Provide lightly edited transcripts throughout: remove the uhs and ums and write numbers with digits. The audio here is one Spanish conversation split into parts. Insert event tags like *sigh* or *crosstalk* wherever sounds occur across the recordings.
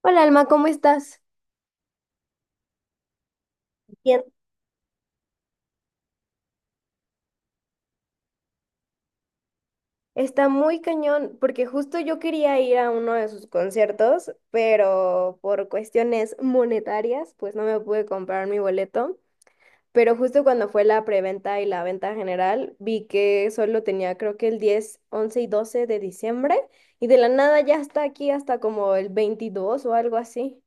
Hola Alma, ¿cómo estás? Bien. Está muy cañón, porque justo yo quería ir a uno de sus conciertos, pero por cuestiones monetarias, pues no me pude comprar mi boleto. Pero justo cuando fue la preventa y la venta general, vi que solo tenía creo que el 10, 11 y 12 de diciembre, y de la nada ya está aquí hasta como el 22 o algo así.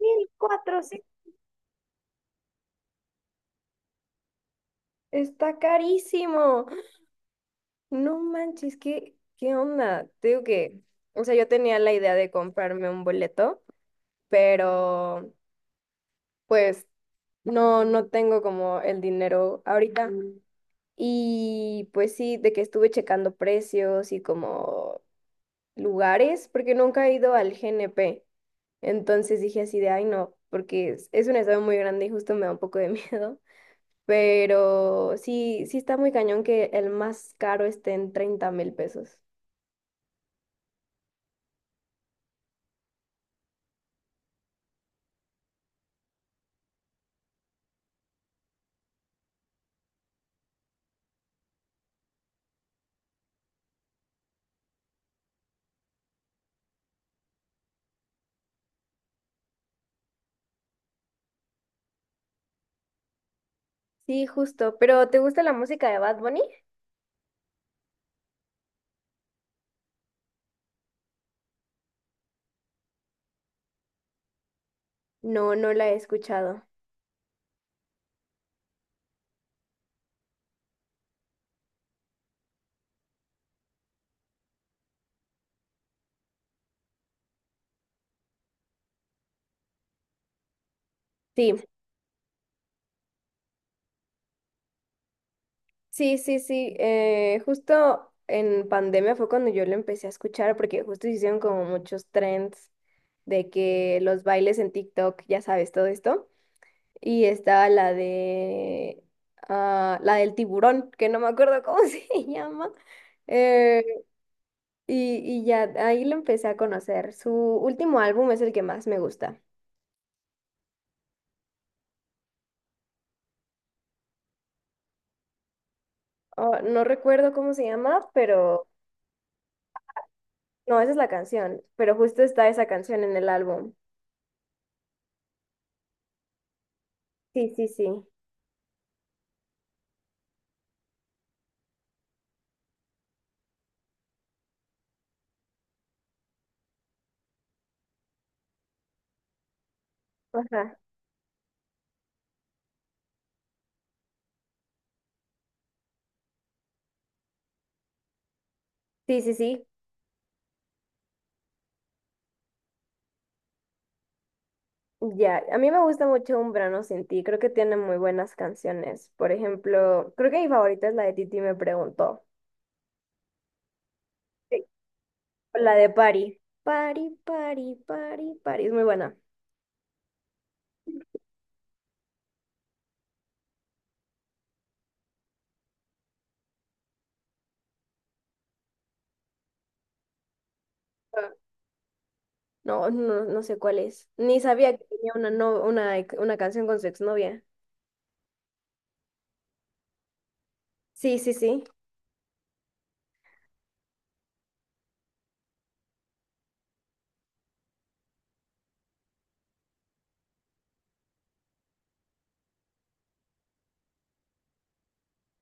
1004, sí. Está carísimo. No manches, ¿qué onda? Te digo que, o sea, yo tenía la idea de comprarme un boleto, pero pues no, no tengo como el dinero ahorita. Mm. Y pues sí, de que estuve checando precios y como lugares, porque nunca he ido al GNP. Entonces dije así de, ay no, porque es un estado muy grande y justo me da un poco de *laughs* miedo. Pero sí, sí está muy cañón que el más caro esté en 30,000 pesos. Sí, justo. ¿Pero te gusta la música de Bad Bunny? No, no la he escuchado. Sí, sí, sí, sí. Justo en pandemia fue cuando yo lo empecé a escuchar porque justo hicieron como muchos trends de que los bailes en TikTok, ya sabes, todo esto. Y estaba la de... Ah, la del tiburón, que no me acuerdo cómo *laughs* se llama. Eh, y, y ya ahí lo empecé a conocer. Su último álbum es el que más me gusta. Oh, no recuerdo cómo se llama, pero... No, esa es la canción, pero justo está esa canción en el álbum. Sí, sí, sí. Ajá. Sí, sí, sí. Ya, a mí me gusta mucho Un Verano Sin Ti, creo que tiene muy buenas canciones. Por ejemplo, creo que mi favorita es la de Titi me preguntó. Sí. La de Pari. Pari, Pari, Pari, Pari, es muy buena. Ah. No, no, no sé cuál es. Ni sabía que tenía una, no, una canción con su exnovia. Sí, sí, sí.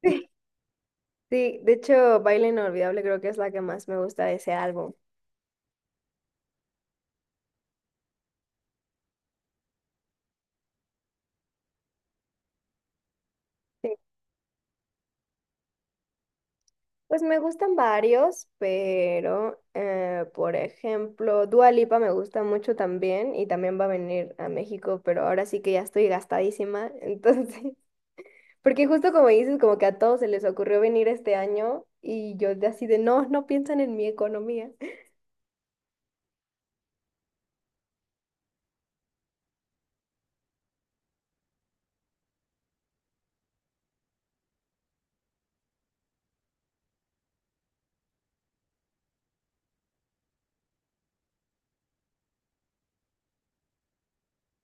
*laughs* Sí, de hecho, Baile Inolvidable creo que es la que más me gusta de ese álbum. Sí. Pues me gustan varios, pero por ejemplo, Dua Lipa me gusta mucho también y también va a venir a México, pero ahora sí que ya estoy gastadísima, *laughs* entonces, porque justo como dices, como que a todos se les ocurrió venir este año y yo de así de no, no piensan en mi economía.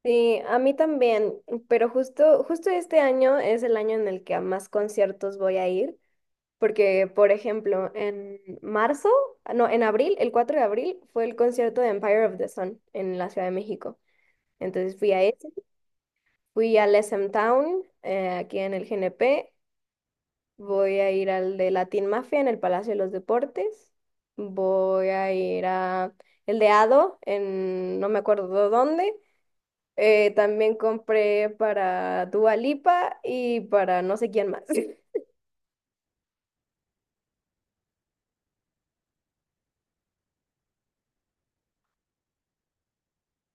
Sí, a mí también, pero justo este año es el año en el que a más conciertos voy a ir. Porque, por ejemplo, en marzo, ah, no, en abril, el 4 de abril, fue el concierto de Empire of the Sun en la Ciudad de México. Entonces fui a ese, fui al SM Town, aquí en el GNP, voy a ir al de Latin Mafia en el Palacio de los Deportes, voy a ir a el de Ado en no me acuerdo dónde. También compré para Dua Lipa y para no sé quién más. *laughs*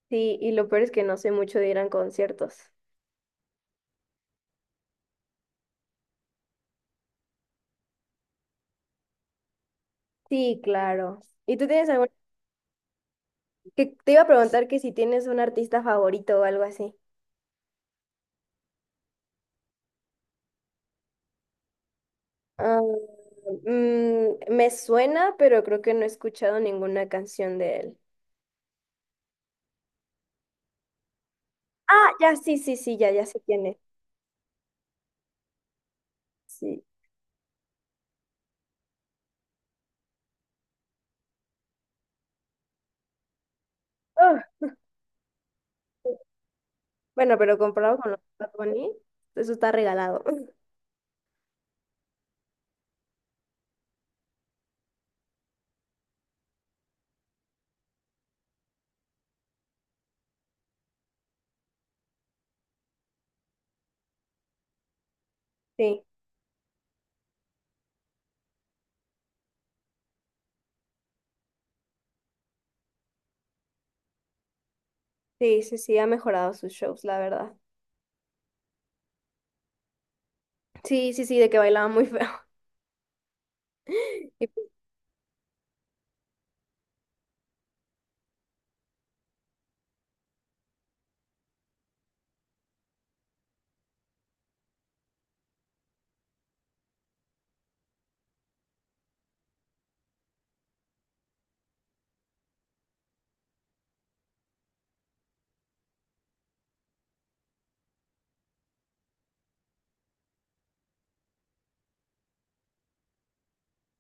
Sí, y lo peor es que no sé mucho de ir a conciertos. Sí, claro. ¿Y tú tienes algún... *laughs* que te iba a preguntar que si tienes un artista favorito o algo así? Ah, me suena, pero creo que no he escuchado ninguna canción de él. Ah, ya, sí, sí, sí, ya, ya sé quién es. Sí. Ah, bueno, pero comparado con los de Bad Bunny, eso está regalado. *laughs* Sí, sí, sí, sí, ha mejorado sus shows, la verdad. Sí, sí, sí, de que bailaba muy feo. *laughs* Y pues,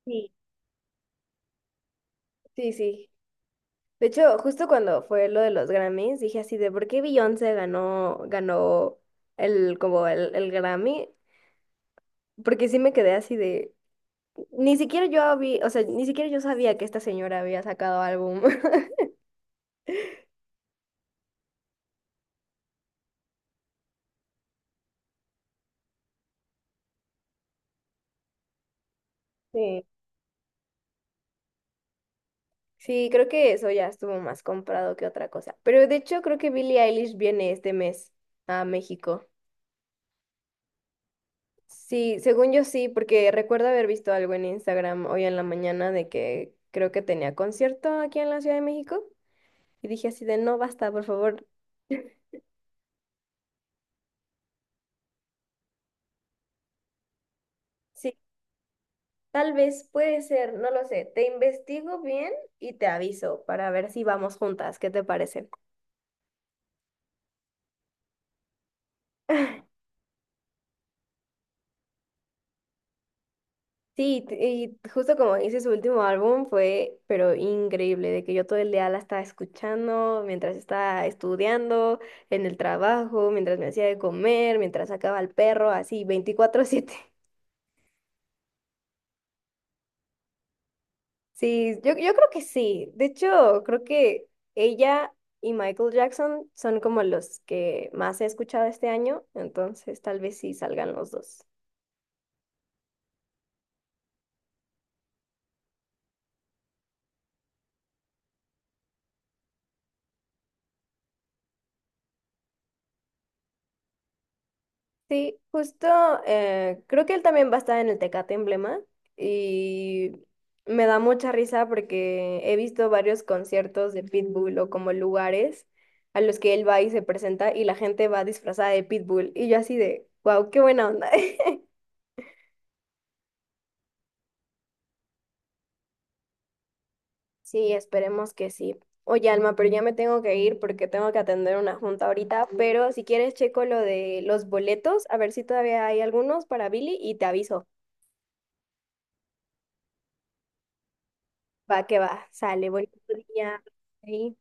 sí, sí, sí. De hecho, justo cuando fue lo de los Grammys, dije así de por qué Beyoncé ganó el, como el Grammy, porque sí me quedé así de, ni siquiera yo había, o sea, ni siquiera yo sabía que esta señora había sacado álbum. *laughs* Sí, sí, creo que eso ya estuvo más comprado que otra cosa. Pero de hecho creo que Billie Eilish viene este mes a México. Sí, según yo sí, porque recuerdo haber visto algo en Instagram hoy en la mañana de que creo que tenía concierto aquí en la Ciudad de México. Y dije así de, no, basta, por favor. Sí, tal vez puede ser, no lo sé. Te investigo bien y te aviso para ver si vamos juntas. ¿Qué te parece? *laughs* Sí, y justo como hice su último álbum fue, pero increíble, de que yo todo el día la estaba escuchando, mientras estaba estudiando, en el trabajo, mientras me hacía de comer, mientras sacaba al perro, así 24/7. Sí, yo creo que sí. De hecho, creo que ella y Michael Jackson son como los que más he escuchado este año, entonces tal vez sí salgan los dos. Sí, justo creo que él también va a estar en el Tecate Emblema y me da mucha risa porque he visto varios conciertos de Pitbull o como lugares a los que él va y se presenta y la gente va disfrazada de Pitbull y yo así de, wow, qué buena onda. *laughs* Sí, esperemos que sí. Oye, Alma, pero ya me tengo que ir porque tengo que atender una junta ahorita, pero si quieres checo lo de los boletos, a ver si todavía hay algunos para Billy y te aviso. Va que va, sale, bonito día. Ahí.